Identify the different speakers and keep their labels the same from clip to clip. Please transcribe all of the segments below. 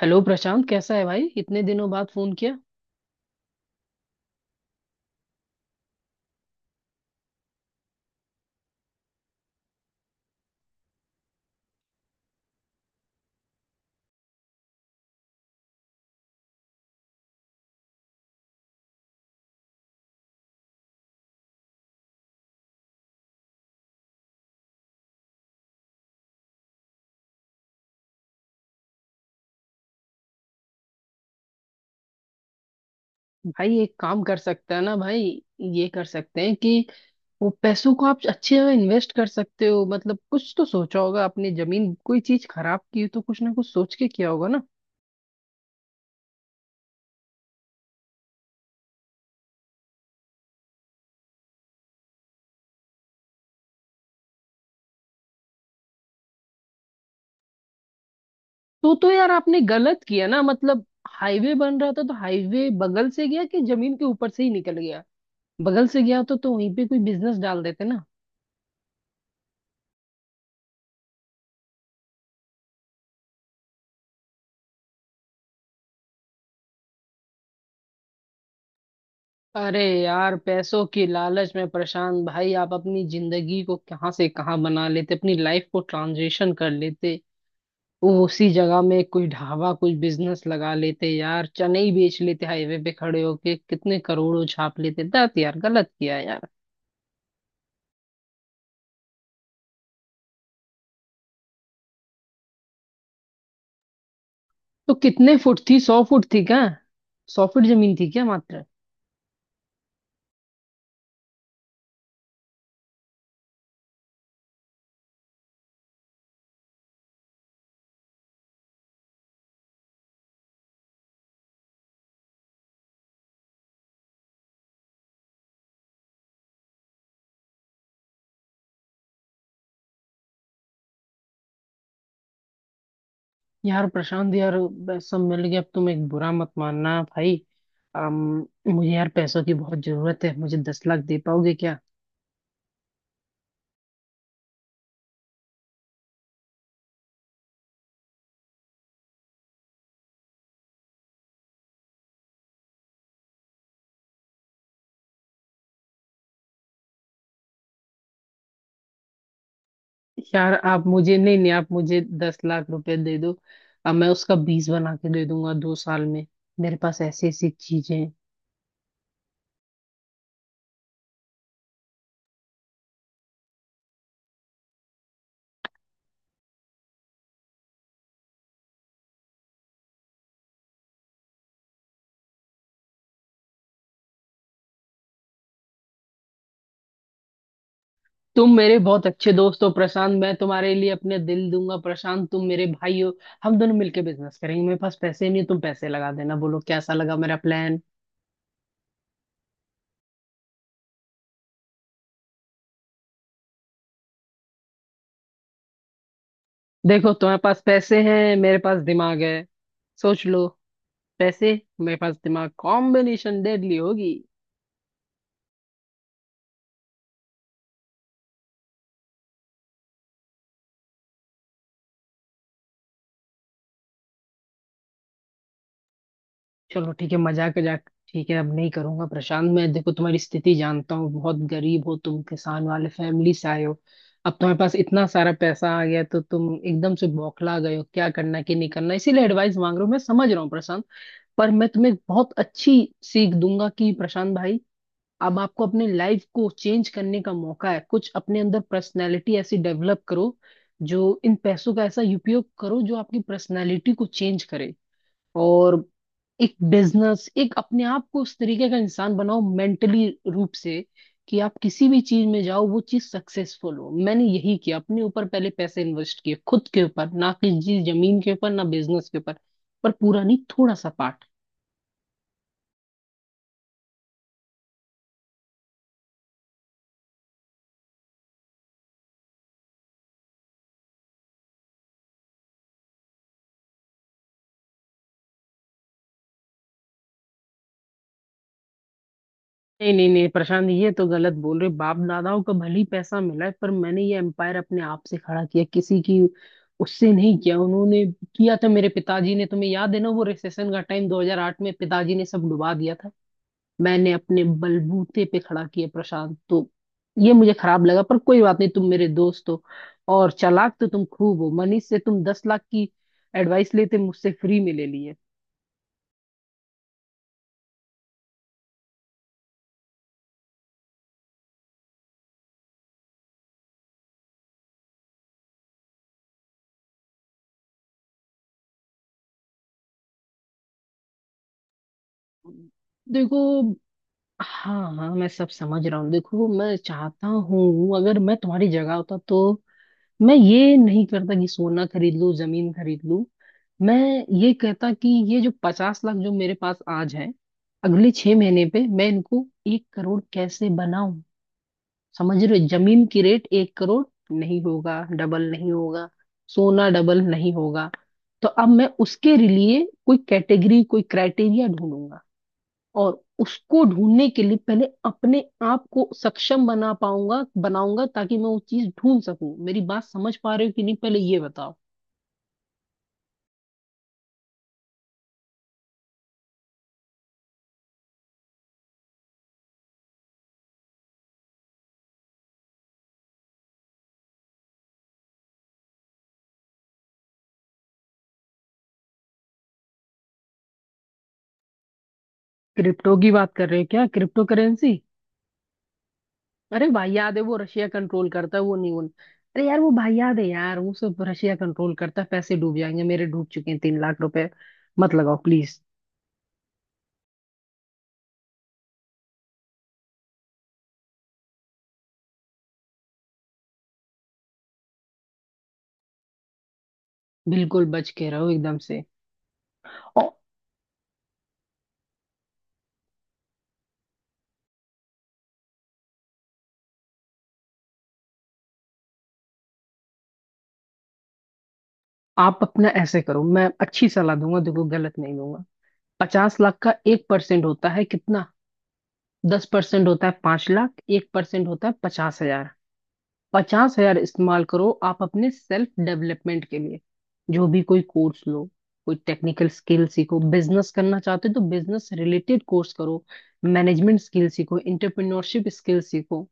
Speaker 1: Hello Prashant, कैसा है भाई? इतने दिनों बाद फोन किया। भाई एक काम कर सकते हैं ना भाई। ये कर सकते हैं कि वो पैसों को आप अच्छी जगह इन्वेस्ट कर सकते हो। मतलब कुछ तो सोचा होगा आपने, जमीन कोई चीज खराब की हो तो कुछ ना कुछ सोच के किया होगा ना। तो यार आपने गलत किया ना। मतलब हाईवे बन रहा था तो हाईवे बगल से गया कि जमीन के ऊपर से ही निकल गया। बगल से गया तो वहीं पे कोई बिजनेस डाल देते ना। अरे यार पैसों की लालच में परेशान भाई, आप अपनी जिंदगी को कहाँ से कहाँ बना लेते, अपनी लाइफ को ट्रांजिशन कर लेते। वो उसी जगह में कोई ढाबा कोई बिजनेस लगा लेते यार, चने ही बेच लेते हाईवे पे खड़े होके, कितने करोड़ों छाप लेते। दत यार गलत किया यार। तो कितने फुट थी, सौ फुट थी क्या? सौ फुट जमीन थी क्या मात्र? यार प्रशांत यार, बस सब मिल गया। अब तुम, एक बुरा मत मानना भाई, मुझे यार पैसों की बहुत जरूरत है, मुझे 10 लाख दे पाओगे क्या? यार आप मुझे, नहीं नहीं, आप मुझे 10 लाख रुपए दे दो। अब मैं उसका 20 बना के दे दूंगा 2 साल में। मेरे पास ऐसी ऐसी चीजें हैं। तुम मेरे बहुत अच्छे दोस्त हो प्रशांत, मैं तुम्हारे लिए अपने दिल दूंगा प्रशांत, तुम मेरे भाई हो। हम दोनों मिलके बिजनेस करेंगे, मेरे पास पैसे नहीं, तुम पैसे लगा देना। बोलो कैसा लगा मेरा प्लान? देखो तुम्हारे पास पैसे हैं, मेरे पास दिमाग है। सोच लो, पैसे, मेरे पास दिमाग, कॉम्बिनेशन डेडली होगी। चलो ठीक है, मजाक मजाक। ठीक है अब नहीं करूंगा प्रशांत। मैं देखो तुम्हारी स्थिति जानता हूँ, बहुत गरीब हो तुम, किसान वाले फैमिली से आए हो। अब तुम्हारे पास इतना सारा पैसा आ गया तो तुम एकदम से बौखला गए हो, क्या करना क्या नहीं करना, इसीलिए एडवाइस मांग रहा हूँ। मैं समझ रहा हूँ प्रशांत। पर मैं तुम्हें बहुत अच्छी सीख दूंगा कि प्रशांत भाई, अब आपको अपने लाइफ को चेंज करने का मौका है। कुछ अपने अंदर पर्सनैलिटी ऐसी डेवलप करो, जो इन पैसों का ऐसा उपयोग करो जो आपकी पर्सनैलिटी को चेंज करे। और एक बिजनेस, एक, अपने आप को उस तरीके का इंसान बनाओ मेंटली रूप से, कि आप किसी भी चीज में जाओ वो चीज सक्सेसफुल हो। मैंने यही किया, अपने ऊपर पहले पैसे इन्वेस्ट किए, खुद के ऊपर, ना किसी जमीन के ऊपर ना बिजनेस के ऊपर। पर पूरा नहीं, थोड़ा सा पार्ट। नहीं नहीं नहीं प्रशांत, ये तो गलत बोल रहे हो। बाप दादाओं का भले ही पैसा मिला है, पर मैंने ये एम्पायर अपने आप से खड़ा किया, किसी की उससे नहीं किया। उन्होंने किया था मेरे पिताजी ने, तुम्हें याद है ना वो रिसेशन का टाइम 2008 में पिताजी ने सब डुबा दिया था। मैंने अपने बलबूते पे खड़ा किया प्रशांत। तो ये मुझे खराब लगा पर कोई बात नहीं, तुम मेरे दोस्त हो। और चालाक तो तुम खूब हो, मनीष से तुम 10 लाख की एडवाइस लेते, मुझसे फ्री में ले लिए। देखो, हाँ हाँ मैं सब समझ रहा हूँ। देखो मैं चाहता हूँ, अगर मैं तुम्हारी जगह होता तो मैं ये नहीं करता कि सोना खरीद लूँ जमीन खरीद लूँ। मैं ये कहता कि ये जो 50 लाख जो मेरे पास आज है, अगले 6 महीने पे मैं इनको 1 करोड़ कैसे बनाऊं। समझ रहे हो? जमीन की रेट 1 करोड़ नहीं होगा, डबल नहीं होगा, सोना डबल नहीं होगा। तो अब मैं उसके लिए कोई कैटेगरी, कोई क्राइटेरिया ढूंढूंगा। और उसको ढूंढने के लिए पहले अपने आप को सक्षम बना पाऊंगा, बनाऊंगा, ताकि मैं वो चीज ढूंढ सकूं। मेरी बात समझ पा रहे हो कि नहीं, पहले ये बताओ। क्रिप्टो की बात कर रहे हो क्या, क्रिप्टो करेंसी? अरे भाई याद है, वो रशिया कंट्रोल करता है, वो नहीं उन, अरे यार वो भाई याद है यार, वो सब रशिया कंट्रोल करता है, पैसे डूब जाएंगे। मेरे डूब चुके हैं 3 लाख रुपए, मत लगाओ प्लीज। बिल्कुल बच के रहो एकदम से। और आप अपना ऐसे करो, मैं अच्छी सलाह दूंगा, देखो गलत नहीं दूंगा। पचास लाख का 1% होता है कितना? 10% होता है 5 लाख, 1% होता है 50,000। पचास हजार इस्तेमाल करो आप अपने सेल्फ डेवलपमेंट के लिए। जो भी कोई कोर्स लो, कोई टेक्निकल स्किल सीखो, बिजनेस करना चाहते हो तो बिजनेस रिलेटेड कोर्स करो, मैनेजमेंट स्किल सीखो, इंटरप्रेन्योरशिप स्किल सीखो,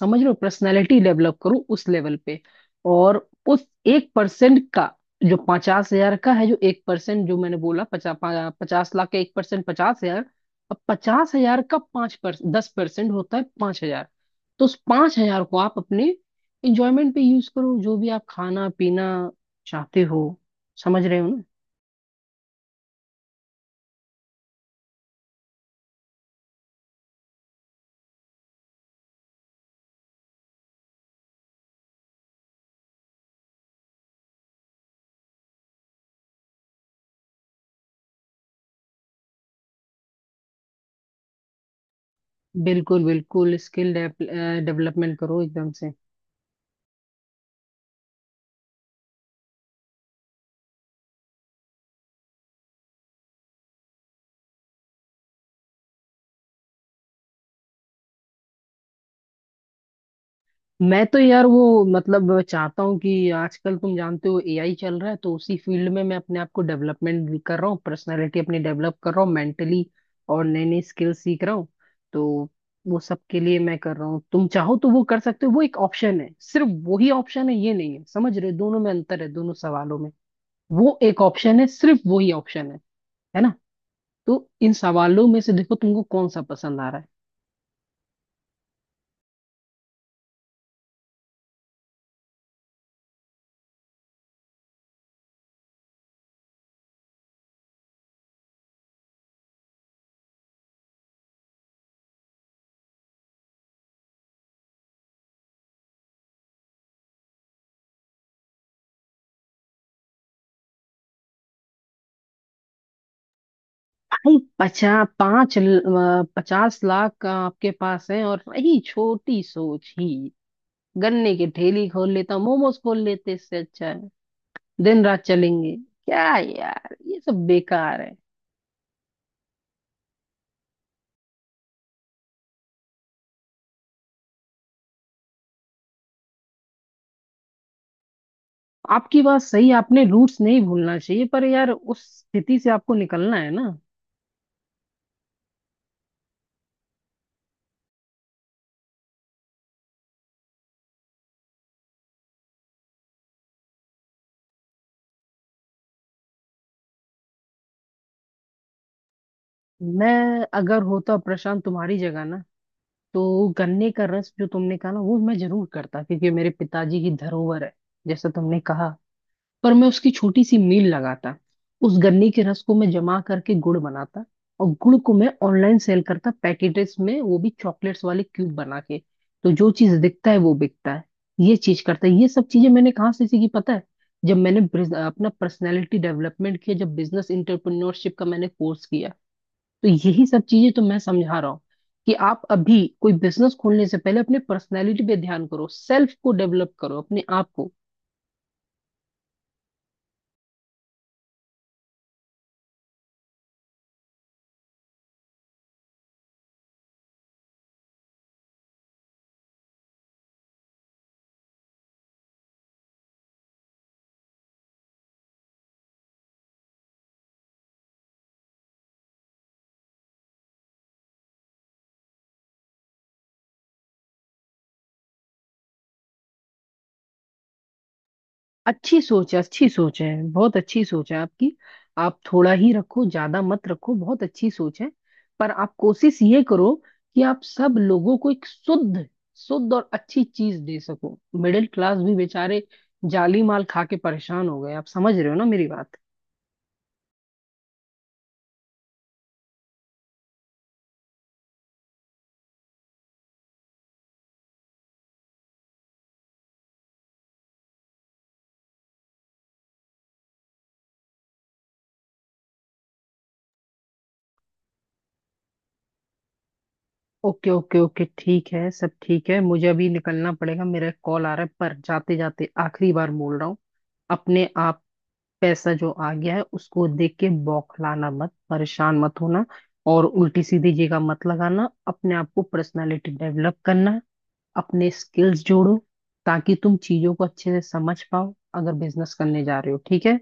Speaker 1: समझ लो, पर्सनैलिटी डेवलप करो उस लेवल पे। और उस 1% का, जो 50,000 का है, जो 1% जो मैंने बोला, पचास लाख का एक परसेंट 50,000। अब 50,000 का 5%, 10% होता है 5,000। तो उस 5,000 को आप अपने इंजॉयमेंट पे यूज करो, जो भी आप खाना पीना चाहते हो। समझ रहे हो ना? बिल्कुल बिल्कुल स्किल डेवलपमेंट करो एकदम से। मैं तो यार वो मतलब चाहता हूँ कि आजकल तुम जानते हो AI चल रहा है, तो उसी फील्ड में मैं अपने आप को डेवलपमेंट भी कर रहा हूँ, पर्सनालिटी अपनी डेवलप कर रहा हूँ मेंटली, और नई नई स्किल सीख रहा हूँ। तो वो सब के लिए मैं कर रहा हूँ, तुम चाहो तो वो कर सकते हो। वो एक ऑप्शन है, सिर्फ वही ऑप्शन है ये नहीं है, समझ रहे हो, दोनों में अंतर है दोनों सवालों में। वो एक ऑप्शन है, सिर्फ वही ऑप्शन है ना? तो इन सवालों में से देखो तुमको कौन सा पसंद आ रहा है। भाई पचास, 50 लाख आपके पास है और वही छोटी सोच ही? गन्ने की ठेली खोल लेता, मोमोज खोल लेते इससे अच्छा है। दिन रात चलेंगे क्या यार, ये सब बेकार है। आपकी बात सही, आपने रूट्स नहीं भूलना चाहिए, पर यार उस स्थिति से आपको निकलना है ना। मैं अगर होता प्रशांत तुम्हारी जगह ना, तो गन्ने का रस जो तुमने कहा ना, वो मैं जरूर करता क्योंकि ये मेरे पिताजी की धरोहर है, जैसा तुमने कहा। पर मैं उसकी छोटी सी मिल लगाता, उस गन्ने के रस को मैं जमा करके गुड़ बनाता, और गुड़ को मैं ऑनलाइन सेल करता पैकेटेस में, वो भी चॉकलेट्स वाले क्यूब बना के। तो जो चीज दिखता है वो बिकता है, ये चीज करता है। ये सब चीजें मैंने कहाँ से सीखी पता है? जब मैंने अपना पर्सनैलिटी डेवलपमेंट किया, जब बिजनेस इंटरप्रेन्योरशिप का मैंने कोर्स किया। तो यही सब चीजें तो मैं समझा रहा हूँ, कि आप अभी कोई बिजनेस खोलने से पहले अपने पर्सनैलिटी पे ध्यान करो, सेल्फ को डेवलप करो अपने आप को। अच्छी सोच है, अच्छी सोच है, बहुत अच्छी सोच है आपकी। आप थोड़ा ही रखो, ज्यादा मत रखो, बहुत अच्छी सोच है। पर आप कोशिश ये करो कि आप सब लोगों को एक शुद्ध, शुद्ध और अच्छी चीज दे सको। मिडिल क्लास भी बेचारे जाली माल खा के परेशान हो गए। आप समझ रहे हो ना मेरी बात? ओके ओके ओके, ठीक है, सब ठीक है, मुझे अभी निकलना पड़ेगा, मेरा एक कॉल आ रहा है। पर जाते जाते आखिरी बार बोल रहा हूँ, अपने आप, पैसा जो आ गया है उसको देख के बौखलाना मत, परेशान मत होना, और उल्टी सीधी जगह मत लगाना। अपने आप को पर्सनालिटी डेवलप करना, अपने स्किल्स जोड़ो, ताकि तुम चीजों को अच्छे से समझ पाओ, अगर बिजनेस करने जा रहे हो। ठीक है?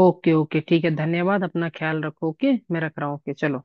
Speaker 1: ओके ओके, ठीक है, धन्यवाद, अपना ख्याल रखो, ओके, मैं रख रहा हूँ, ओके चलो।